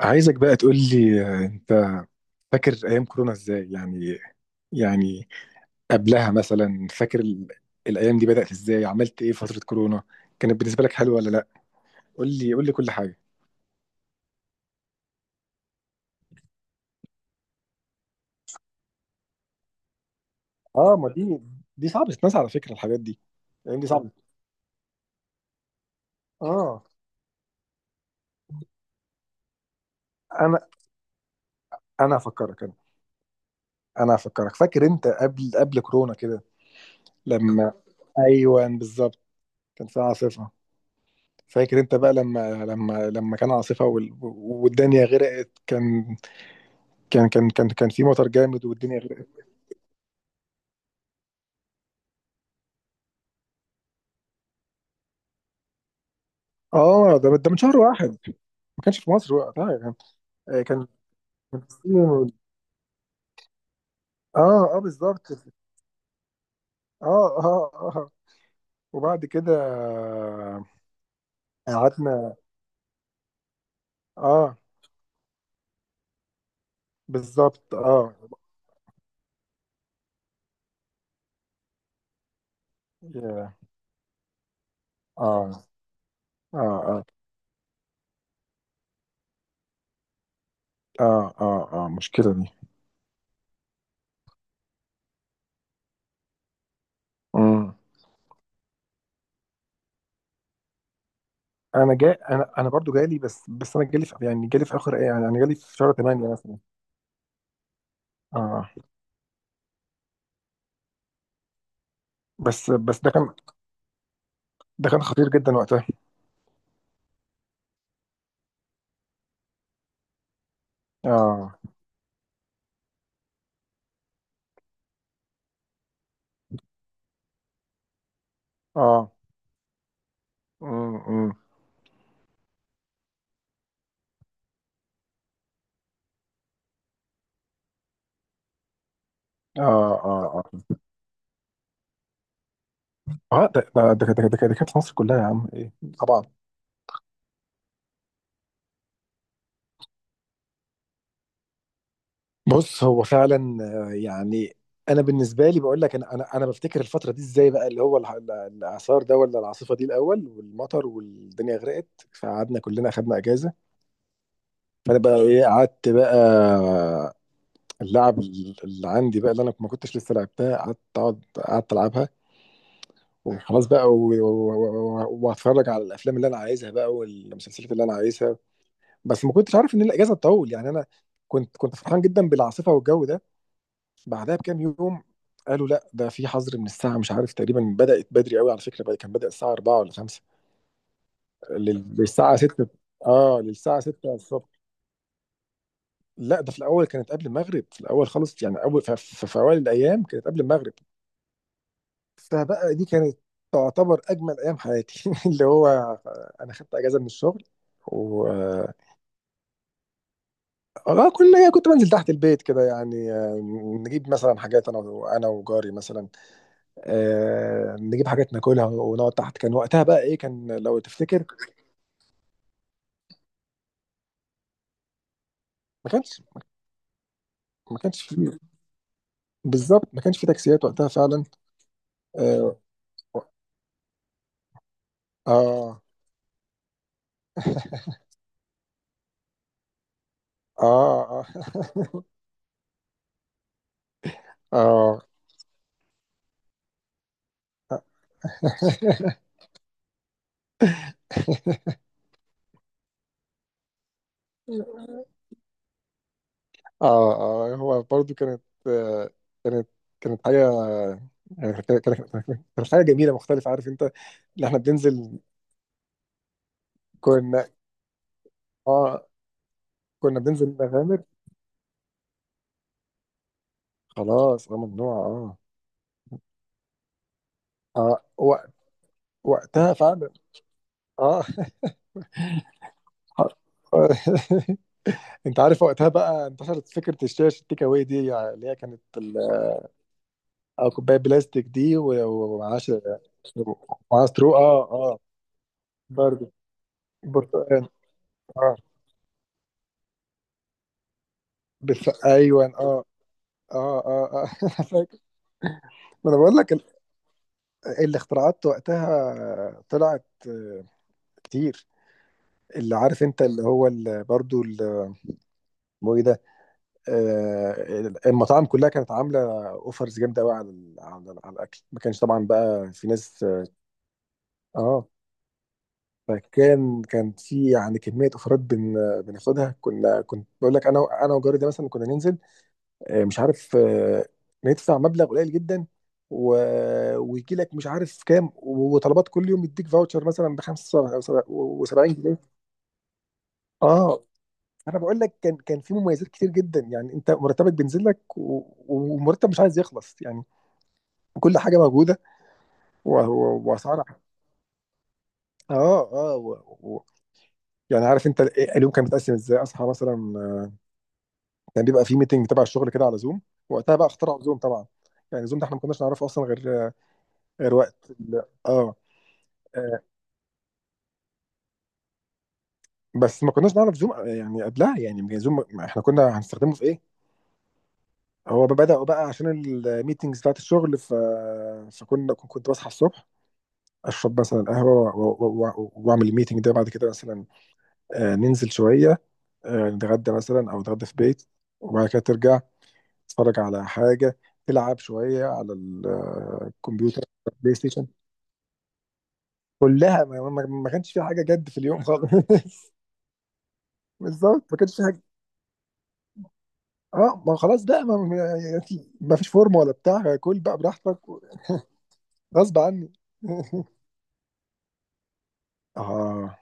عايزك بقى تقول لي، انت فاكر ايام كورونا ازاي؟ يعني قبلها مثلا، فاكر الايام دي بدأت ازاي؟ عملت ايه في فترة كورونا؟ كانت بالنسبة لك حلوة ولا لا؟ قول لي قول لي كل حاجة. اه، ما دي صعبة تتنسى على فكرة، الحاجات دي. الايام دي صعبة. اه. انا انا هفكرك. انا هفكرك، فاكر انت قبل كورونا كده لما ايوه، بالظبط، كان في عاصفة. فاكر انت بقى لما لما كان عاصفة والدنيا غرقت. كان في مطر جامد والدنيا غرقت. اه، ده من شهر واحد. ما كانش في مصر وقتها. كان، كان في الصين اه اه، بالظبط. اه. اه اه آه. وبعد كده قعدنا. اه، بالظبط. اه. يا- اه. اه اه اه. مشكلة دي. مم. انا جاي. انا برضو جالي، بس انا جالي في، يعني جالي في اخر ايه، يعني انا جالي في شهر 8 مثلا. اه. بس ده كان، ده كان خطير جدا وقتها. اه اه. مم، مم. اه اه اه. ده كانت مصر كلها يا عم ايه، طبعا. بص، هو فعلا، يعني انا بالنسبه لي بقول لك، انا بفتكر الفتره دي ازاي بقى، اللي هو الاعصار ده ولا العاصفه دي الاول، والمطر والدنيا غرقت، فقعدنا كلنا اخدنا اجازه. فانا بقى ايه، قعدت بقى اللعب اللي عندي بقى، اللي انا ما كنتش لسه لعبتها، قعدت قعدت العبها. وخلاص بقى، واتفرج على الافلام اللي انا عايزها بقى والمسلسلات اللي انا عايزها. بس ما كنتش عارف ان الاجازه تطول، يعني انا كنت فرحان جدا بالعاصفه والجو ده. بعدها بكام يوم، قالوا لا، ده في حظر من الساعه مش عارف، تقريبا بدات بدري قوي على فكره بقى- كان بدا الساعه 4 ولا 5 للساعه 6. اه، للساعه 6 الصبح. لا، ده في الاول كانت قبل المغرب، في الاول خالص يعني، اول في، اوائل الايام كانت قبل المغرب. فبقى دي كانت تعتبر اجمل ايام حياتي اللي هو، انا خدت اجازه من الشغل و... اه، كل، كنت بنزل تحت البيت كده يعني، نجيب مثلا حاجات، انا انا وجاري مثلا، نجيب حاجات ناكلها ونقعد تحت. كان وقتها بقى ايه كان لو تفتكر، ما كانش، ما كانش فيه، بالظبط، ما كانش فيه تاكسيات وقتها فعلا. اه. اه اه اه اه اه. اه، هو برضو كانت، كانت، كانت حاجة يعني، كانت حاجة جميلة مختلفة، عارف انت، اللي احنا بننزل. كنا، اه، كنا بننزل نغامر. خلاص، اه، ممنوع، اه. اه وق- وقتها فعلا. اه انت عارف وقتها بقى انتشرت فكره الشاشه التيك اواي دي يعني، اللي هي كانت كوبايه بلاستيك دي، ومعاها، ومعاها سترو اه اه، برضه، برتقال، اه، ايوه، اه اه اه اه انا فاكر. ما انا بقول لك الاختراعات وقتها طلعت، كتير، اللي عارف انت اللي هو اسمه ايه ده، آه، المطاعم كلها كانت عامله اوفرز جامده قوي على على الاكل. ما كانش طبعا بقى في ناس، اه، فكان، كان في يعني كميه اوفرات بن، بناخدها، كنا، كنت بقول لك انا انا وجاري ده مثلا، كنا ننزل، مش عارف، ندفع مبلغ قليل جدا و... ويجي لك مش عارف كام وطلبات كل يوم، يديك فاوتشر مثلا ب 75 جنيه. اه. انا بقول لك كان، كان في مميزات كتير جدا، يعني انت مرتبك بينزل لك، و- ومرتب مش عايز يخلص يعني. كل حاجه موجوده واسعارها. اه اه و... يعني عارف انت اليوم كان متقسم ازاي. اصحى مثلا، كان بيبقى في ميتنج تبع الشغل كده على زوم. وقتها بقى اخترعوا زوم طبعا. يعني زوم ده احنا ما كناش نعرفه اصلا غير وقت اه، آه، بس ما كناش نعرف زوم يعني قبلها، يعني ما كان زوم، ما احنا كنا هنستخدمه في ايه؟ هو بدأوا بقى عشان الميتنجز بتاعت الشغل فكنا، كنت بصحى الصبح، اشرب مثلا قهوه واعمل الميتنج ده. بعد كده مثلا، ننزل شويه، نتغدى مثلا او نتغدى في بيت، وبعد كده ترجع تتفرج على حاجه، تلعب شويه على الكمبيوتر، بلاي ستيشن. كلها، ما كانش في حاجه جد في اليوم خالص بالظبط، ما كانش في حاجه. اه، ما خلاص بقى، ما, ما, يعني ما فيش فورمه ولا بتاع، كل بقى براحتك. غصب عني. اه.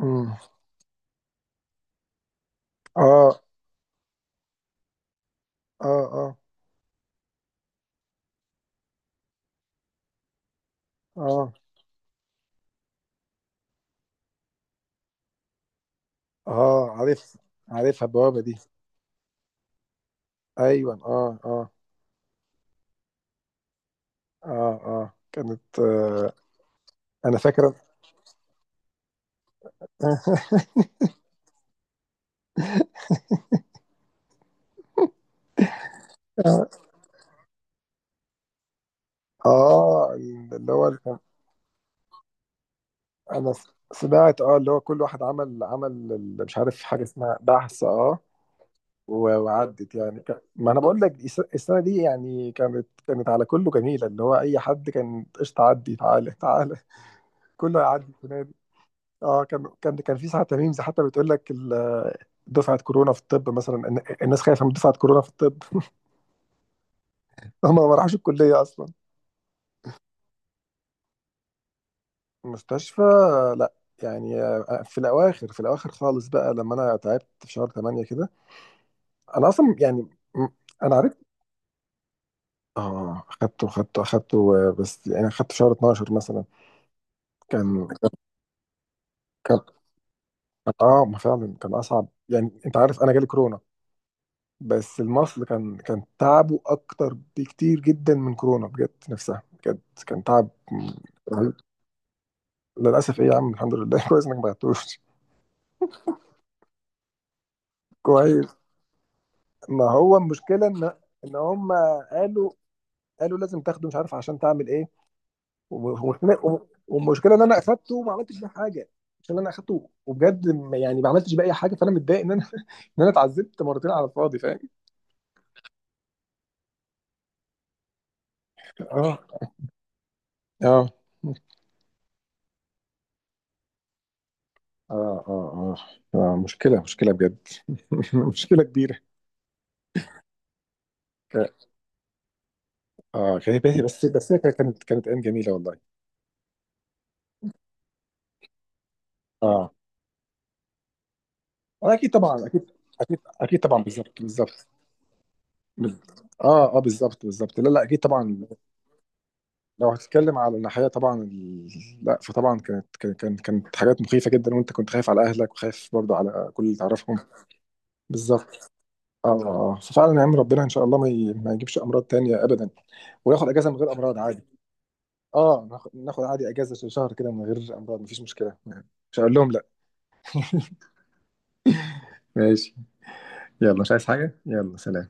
أمم. اه اه اه. اه اه، عارف، عارفها البوابه دي. ايوه، اه اه. اه اه، كانت، آه. انا فاكره. اه، اللي هو، اللي كان، انا سمعت، اه، اللي هو كل واحد عمل، عمل مش عارف حاجه اسمها بحث. اه وعدت يعني، ما انا بقول لك السنه دي يعني كانت على كله جميله، اللي هو اي حد كان قشطه عدي، تعالى تعالى. كله هيعدي السنه دي. اه، كان في ساعات ميمز حتى بتقول لك دفعه كورونا في الطب مثلا، الناس خايفه من دفعه كورونا في الطب. هم ما راحوش الكليه اصلا. مستشفى. لا، يعني، في الاواخر، في الاواخر خالص بقى لما انا تعبت في شهر 8 كده. انا اصلا يعني م- انا عرفت. اه، خدته خدته، بس يعني خدته شهر 12 مثلا. كان، كان. اه، ما فعلا كان اصعب، يعني انت عارف انا جالي كورونا، بس المصل كان، كان تعبه اكتر بكتير جدا من كورونا بجد، نفسها بجد. كان تعب رهيب. للاسف ايه يا عم، الحمد لله كويس انك ما بعتوش. كويس. ما هو المشكله ان، ان هم قالوا، قالوا لازم تاخده، مش عارف عشان تعمل ايه، والمشكله ان انا اخدته وما عملتش بيه حاجه. عشان انا اخدته، وبجد ما، يعني ما عملتش بيه اي حاجه، فانا متضايق ان انا ان انا اتعذبت مرتين على الفاضي، فاهم. اه اه اه اه اه، مشكلة، مشكلة بجد مشكلة كبيرة. ك- اه، كانت باهي، بس هي كانت ايام جميلة والله. اه، اكيد، طبعا اكيد. اكيد اكيد طبعا، بالظبط بالظبط. بال- اه اه، بالظبط بالظبط، لا لا اكيد طبعا. لو هتتكلم على الناحية طبعا لا، فطبعا كانت كانت حاجات مخيفة جدا، وانت كنت خايف على اهلك، وخايف برضو على كل اللي تعرفهم. بالظبط. اه. آه. آه. ففعلا يا عم، ربنا ان شاء الله، ما يجيبش امراض تانية ابدا، وناخد اجازة من غير امراض عادي. اه، ناخد عادي اجازة، شهر كده من غير امراض، مفيش مشكلة. مش هقول لهم لا. ماشي. يلا، مش عايز حاجة، يلا سلام.